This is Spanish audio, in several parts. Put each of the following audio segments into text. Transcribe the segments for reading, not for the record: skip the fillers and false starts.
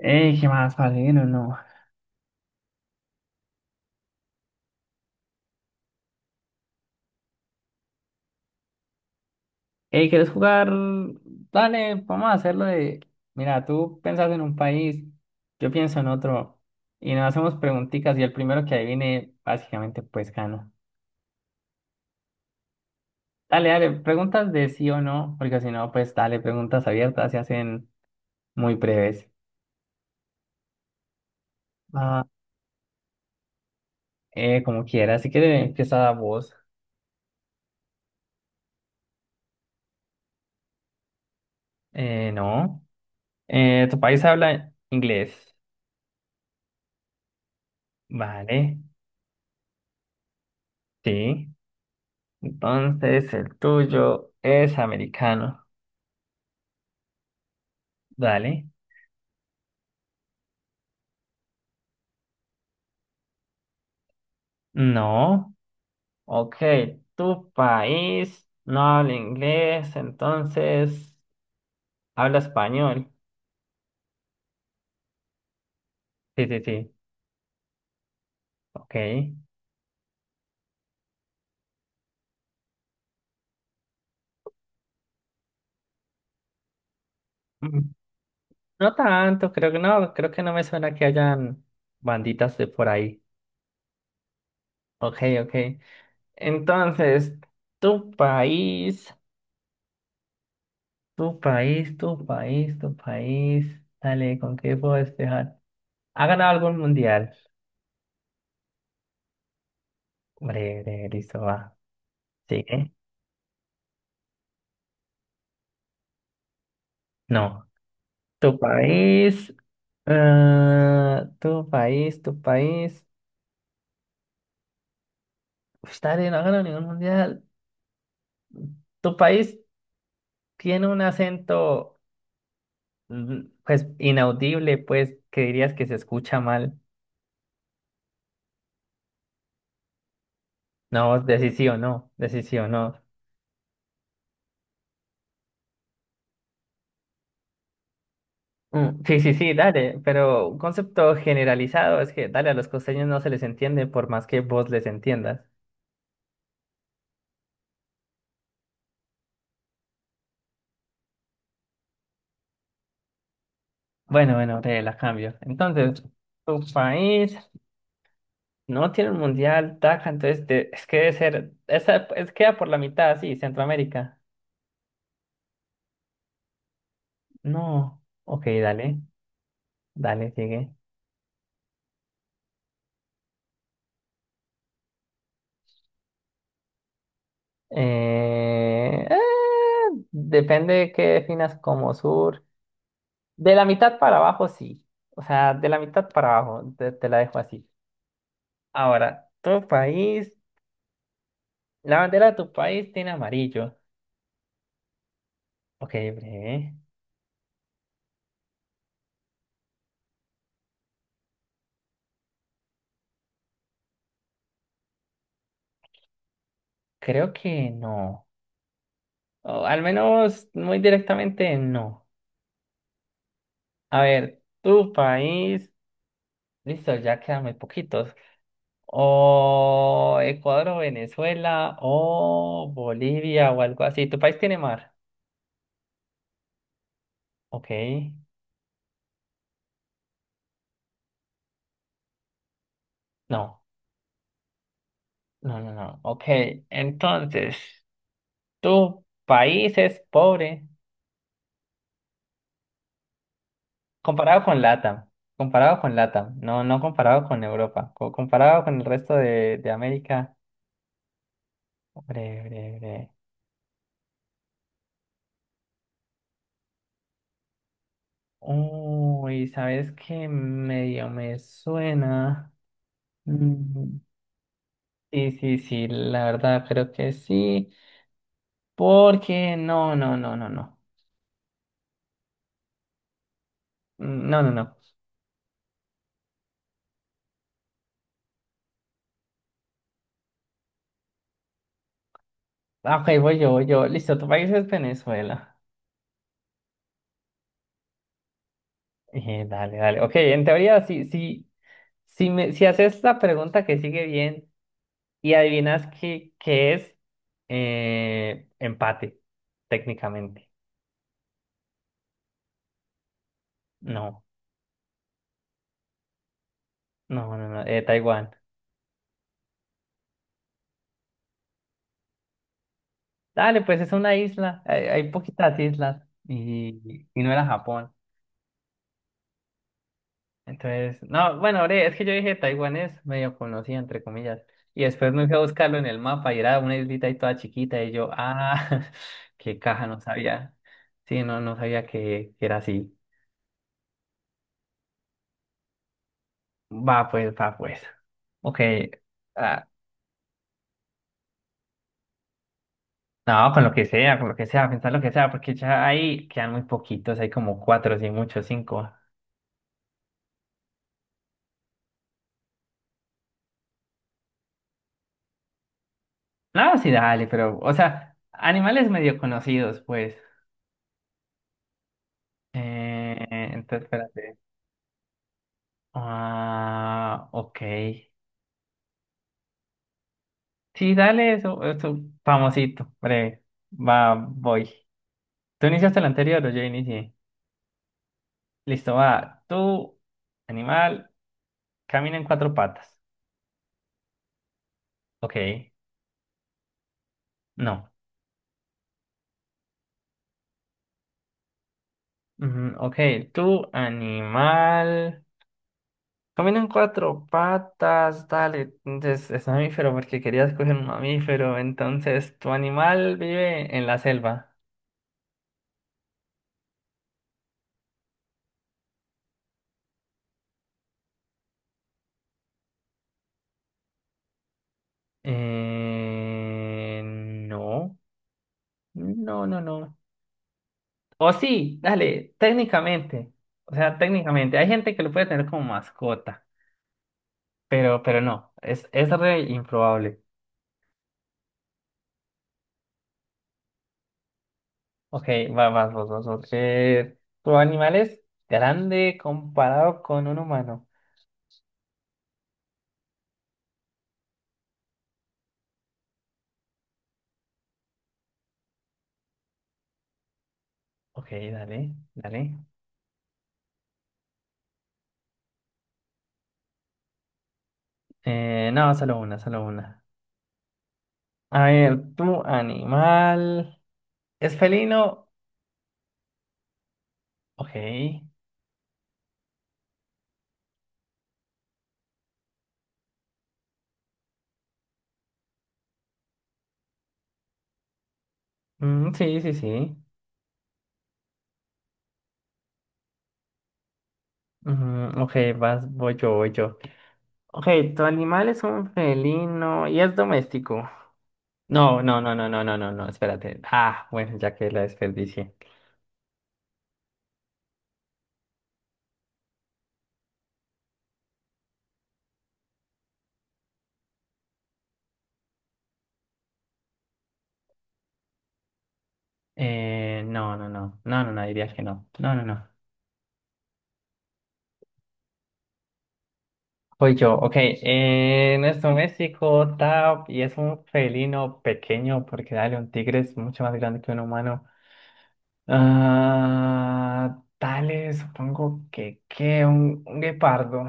Ey, ¿qué más, parce? Bien no. Ey, ¿quieres jugar? Dale, vamos a hacerlo de. Mira, tú piensas en un país, yo pienso en otro, y nos hacemos preguntitas, y el primero que adivine, básicamente, pues gana. Dale, dale, preguntas de sí o no, porque si no, pues dale, preguntas abiertas se hacen muy breves. Ah, como quieras, si quieres, empieza vos. No. ¿Tu país habla inglés? Vale, sí. Entonces, el tuyo es americano. Dale. No. Ok, tu país no habla inglés, entonces habla español. Sí, sí, sí. Ok. Mm, no tanto, creo que no me suena que hayan banditas de por ahí. Ok, ok. Entonces, tu país, tu país. Dale, ¿con qué puedo despejar? ¿Ha ganado algún mundial? Breve, listo, va. Sigue. No. Tu país. Tu país. Uf, dale, no ha ganado ningún mundial. Tu país tiene un acento, pues, inaudible, pues, que dirías que se escucha mal. No, decís sí o no. Decís sí o no. Mm, sí, sí, sí, dale. Pero un concepto generalizado es que, dale, a los costeños no se les entiende por más que vos les entiendas. Bueno, bueno, te la cambio. Entonces, tu país. No tiene un mundial, taca, entonces es que debe ser, esa, es, queda por la mitad, sí, Centroamérica. No, ok, dale, sigue. Eh, eh, depende de qué definas como sur. De la mitad para abajo, sí. O sea, de la mitad para abajo, te la dejo así. Ahora, tu país, la bandera de tu país tiene amarillo. Ok, breve. Creo que no. O al menos muy directamente no. A ver, tu país. Listo, ya quedan muy poquitos. O Ecuador o Venezuela o Bolivia o algo así. ¿Tu país tiene mar? Ok. No, no, no, no. Ok, entonces, tu país es pobre comparado con LATAM. Comparado con LATAM. No, no comparado con Europa. Comparado con el resto de América. Bre, bre, bre. Uy, ¿sabes qué? Medio me suena. Mm, sí, sí, sí, la verdad creo que sí, porque mm, no, no, no. Ah, ok, voy yo. Listo, tu país es Venezuela. Dale, dale. Ok, en teoría, si haces la pregunta que sigue bien y adivinas qué es, empate, técnicamente. No, no, no, no, Taiwán. Dale, pues es una isla, hay poquitas islas y no era Japón. Entonces, no, bueno, hombre, es que yo dije Taiwán es medio conocida, entre comillas. Y después me fui a buscarlo en el mapa y era una islita ahí toda chiquita. Y yo, ah, qué caja, no sabía. Sí, no, no sabía que era así. Va, pues, va, pues. Ok. ah, no, con lo que sea, con lo que sea, pensar lo que sea, porque ya ahí quedan muy poquitos, hay como cuatro, sí, muchos, cinco. No, sí, dale, pero, o sea, animales medio conocidos, pues. Entonces, espérate. Ah, ok. Sí, dale, eso, famosito, breve, va, voy. Tú iniciaste el anterior, o yo inicié. Listo, va, tú, animal, camina en cuatro patas. Ok, no. Ujú, ok, tú, animal, camina en cuatro patas, dale, entonces es mamífero porque querías coger un mamífero, entonces tu animal vive en la selva. No, no, no, no. O sí, dale, técnicamente. O sea, técnicamente. Hay gente que lo puede tener como mascota, pero no, es re improbable. Ok, va, vas, vos. ¿Tu animal es grande comparado con un humano? Ok, dale, dale. No, solo una, solo una. A ver, ¿tu animal es felino? Ok. Mm, sí, sí, sí. Ujú, ok, vas, voy yo. Ok, tu animal es un felino y es doméstico. No, no, no, no, no, no, no, no, espérate. Ah, bueno, ya que la desperdicié. No, no, no, no, no, no, diría que no. No, no, no. Voy yo, ok. Nuestro México, tap, y es un felino pequeño, porque dale, un tigre es mucho más grande que un humano. Ah, dale, supongo un guepardo.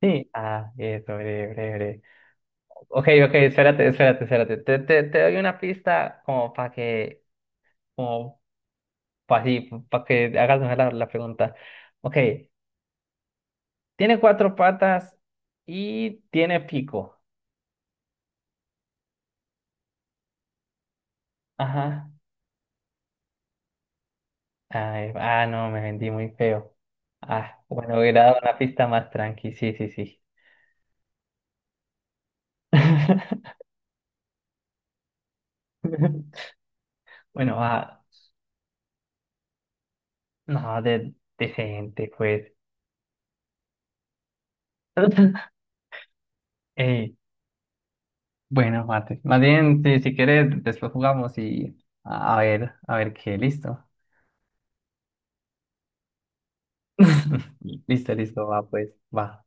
Sí, ah, eso, breve, breve, breve. Ok, ok, espérate. Te doy una pista como para que hagas mejor la pregunta. Ok, tiene cuatro patas y tiene pico. Ajá. Ay, ah, no, me vendí muy feo. Ah, bueno, hubiera dado una pista más tranqui, sí, sí, sí. Bueno, ah, no, decente, pues. Ey, bueno, mate. Más bien, si, si quieres, después jugamos y a ver, a ver qué, listo. Listo, listo, va, pues, va.